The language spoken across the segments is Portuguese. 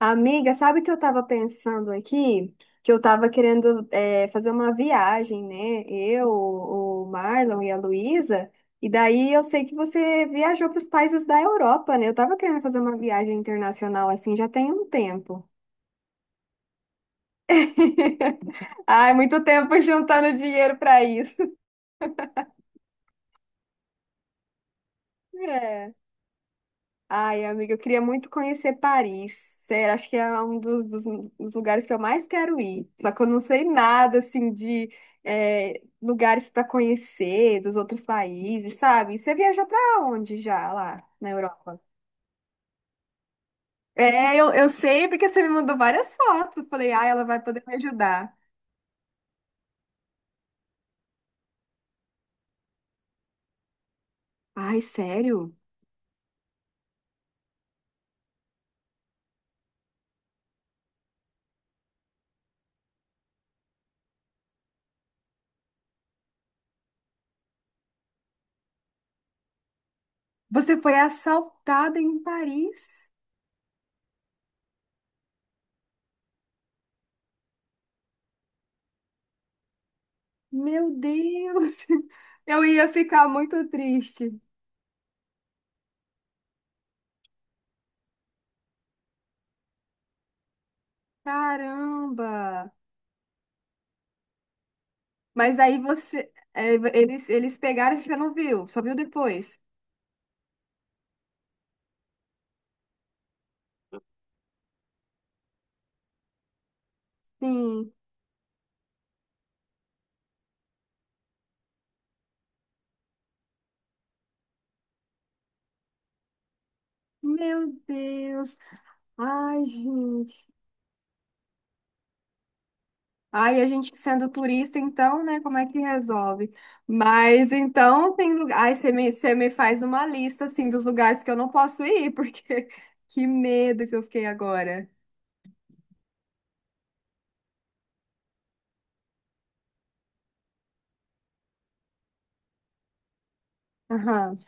Amiga, sabe o que eu estava pensando aqui? Que eu estava querendo fazer uma viagem, né? Eu, o Marlon e a Luísa. E daí eu sei que você viajou para os países da Europa, né? Eu estava querendo fazer uma viagem internacional assim já tem um tempo. Ai, muito tempo juntando dinheiro para isso. É. Ai, amiga, eu queria muito conhecer Paris. Sério, acho que é um dos lugares que eu mais quero ir. Só que eu não sei nada, assim, de lugares para conhecer dos outros países, sabe? Você viajou para onde já lá na Europa? É, eu sei porque você me mandou várias fotos. Eu falei, ai, ela vai poder me ajudar. Ai, sério? Você foi assaltada em Paris? Meu Deus! Eu ia ficar muito triste. Caramba! Mas aí você, eles pegaram e você não viu, só viu depois. Sim. Meu Deus. Ai, gente. Ai, a gente sendo turista, então, né? Como é que resolve? Mas então tem lugar. Ai, você me faz uma lista, assim, dos lugares que eu não posso ir, porque que medo que eu fiquei agora. Aham.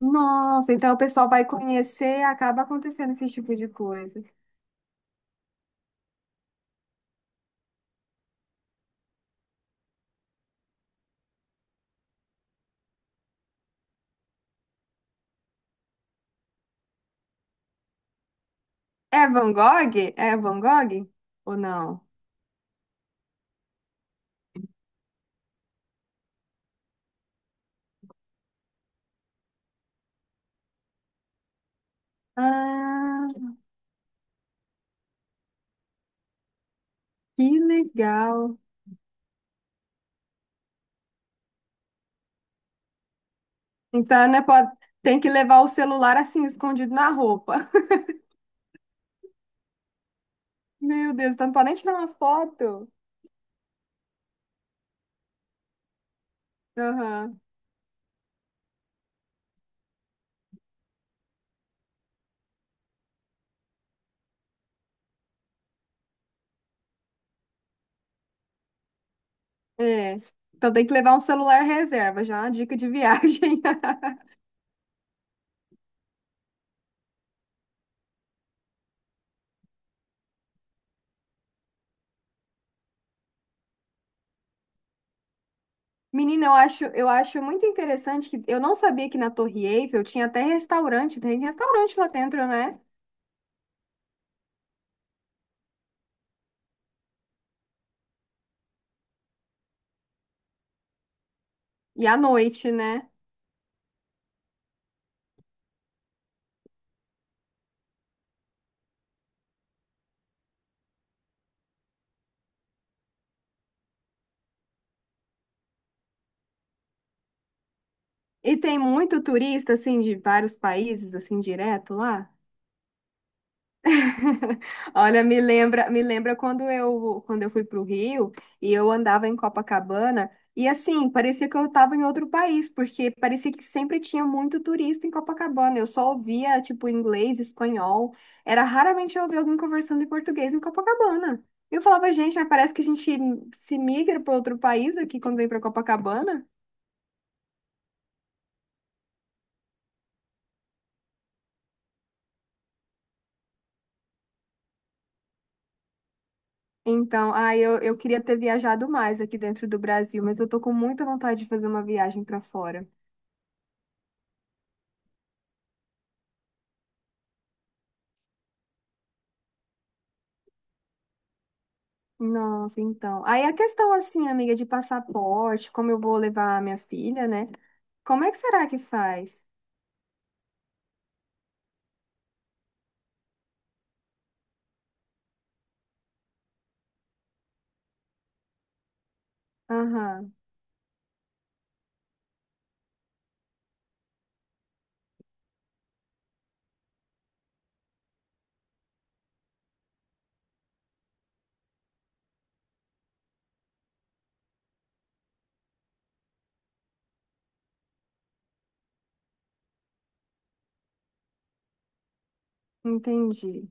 Nossa, então o pessoal vai conhecer e acaba acontecendo esse tipo de coisa. É Van Gogh? É Van Gogh? Ou não? Ah. Que legal. Então, né, pode... tem que levar o celular assim, escondido na roupa. Meu Deus, então não pode nem tirar uma foto. Aham, é. Então tem que levar um celular reserva, já é uma dica de viagem. Menina, eu acho muito interessante que eu não sabia que na Torre Eiffel tinha até restaurante, tem restaurante lá dentro, né? E à noite, né? E tem muito turista, assim, de vários países, assim, direto lá. Olha, me lembra quando quando eu fui para o Rio e eu andava em Copacabana e assim, parecia que eu estava em outro país, porque parecia que sempre tinha muito turista em Copacabana. Eu só ouvia tipo inglês, espanhol. Era raramente eu ouvia alguém conversando em português em Copacabana. E eu falava, gente, mas parece que a gente se migra para outro país aqui quando vem para Copacabana. Então, ah, eu queria ter viajado mais aqui dentro do Brasil, mas eu tô com muita vontade de fazer uma viagem para fora. Nossa, então. Aí a questão assim, amiga, de passaporte, como eu vou levar a minha filha, né? Como é que será que faz? Aham, entendi.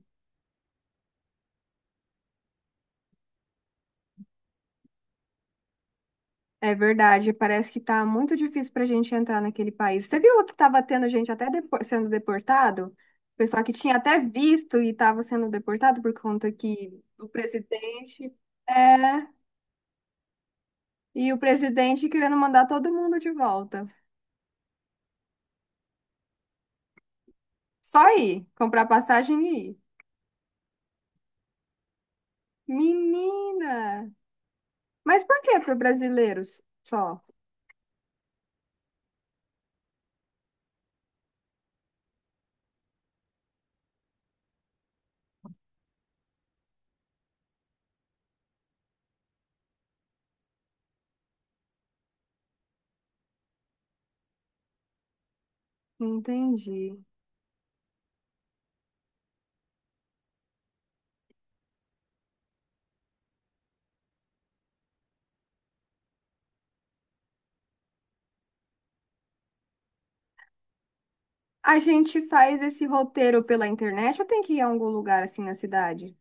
É verdade, parece que tá muito difícil pra gente entrar naquele país. Você viu que tava tendo gente até depo- sendo deportado? Pessoal que tinha até visto e tava sendo deportado por conta que o é, e o presidente querendo mandar todo mundo de volta. Só ir, comprar passagem e ir. Menina! Mas por que para brasileiros só? Entendi. A gente faz esse roteiro pela internet ou tem que ir a algum lugar assim na cidade?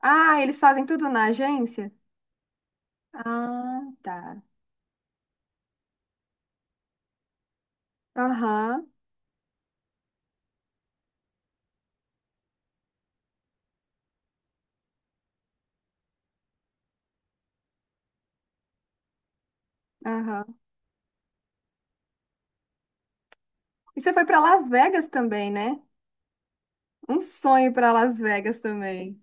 Ah, eles fazem tudo na agência? Ah, tá. Aham, aham. E você foi para Las Vegas também, né? Um sonho para Las Vegas também.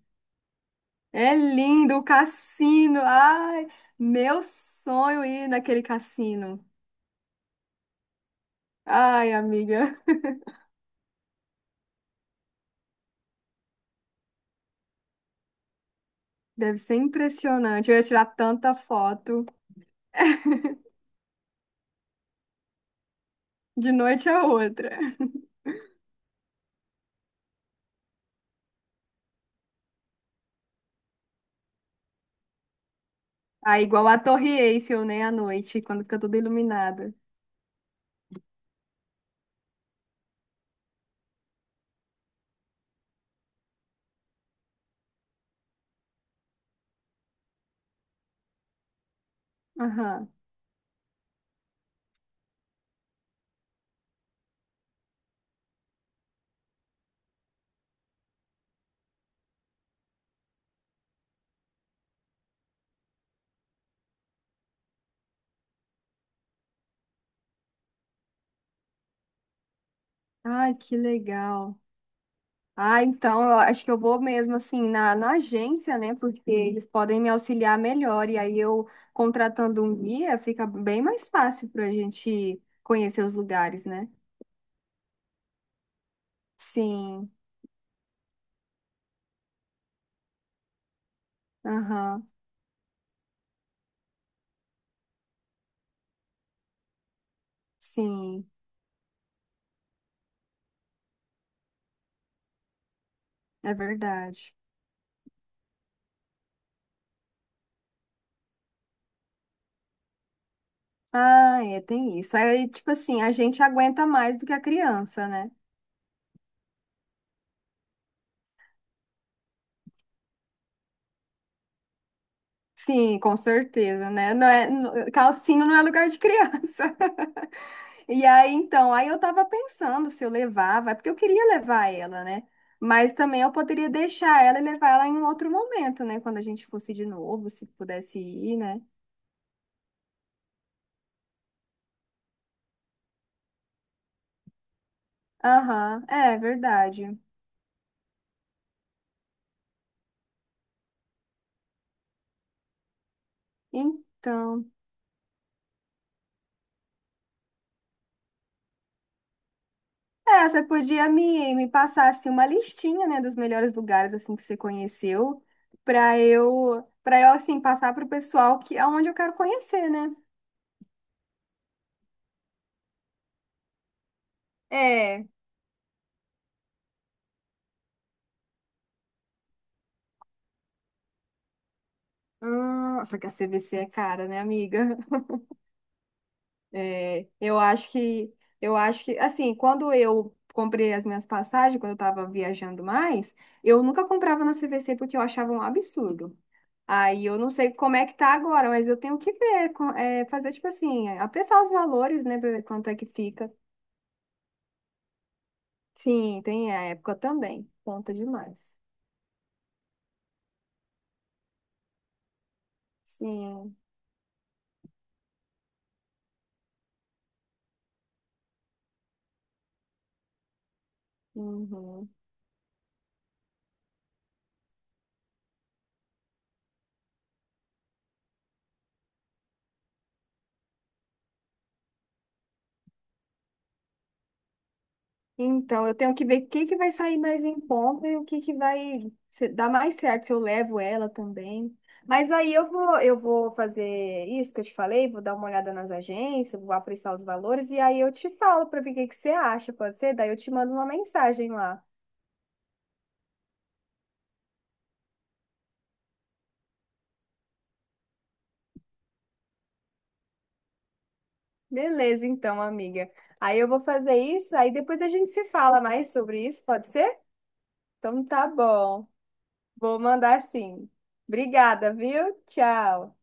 É lindo o cassino. Ai, meu sonho ir naquele cassino. Ai, amiga, deve ser impressionante. Eu ia tirar tanta foto de noite a outra. Ah, igual a Torre Eiffel, né, à noite, quando fica tudo iluminado. Aham. Ai, que legal. Ah, então eu acho que eu vou mesmo assim na agência, né? Porque sim, eles podem me auxiliar melhor. E aí eu contratando um guia fica bem mais fácil para a gente conhecer os lugares, né? Sim, aham, sim, é verdade. Ah, é, tem isso. Aí, tipo assim, a gente aguenta mais do que a criança, né? Sim, com certeza, né? Não é, não- calcinha não é lugar de criança. E aí, então, aí eu tava pensando se eu levava, é porque eu queria levar ela, né? Mas também eu poderia deixar ela e levar ela em um outro momento, né? Quando a gente fosse de novo, se pudesse ir, né? Aham, é verdade. Então, é, você podia me passar, assim, uma listinha, né? Dos melhores lugares, assim, que você conheceu, para eu, assim, passar pro pessoal que, aonde eu quero conhecer, né? É, ah, só que a CVC é cara, né, amiga? É, eu acho que, assim, quando eu comprei as minhas passagens, quando eu tava viajando mais, eu nunca comprava na CVC porque eu achava um absurdo. Aí eu não sei como é que tá agora, mas eu tenho que ver, com- é, fazer tipo assim, é, apressar os valores, né, pra ver quanto é que fica. Sim, tem a época também, conta demais. Sim, uhum. Então, eu tenho que ver o que que vai sair mais em conta e o que que vai se- dar mais certo, se eu levo ela também. Mas aí eu vou fazer isso que eu te falei, vou dar uma olhada nas agências, vou apreciar os valores e aí eu te falo para ver o que que você acha, pode ser? Daí eu te mando uma mensagem lá. Beleza, então, amiga. Aí eu vou fazer isso, aí depois a gente se fala mais sobre isso, pode ser? Então tá bom. Vou mandar sim. Obrigada, viu? Tchau.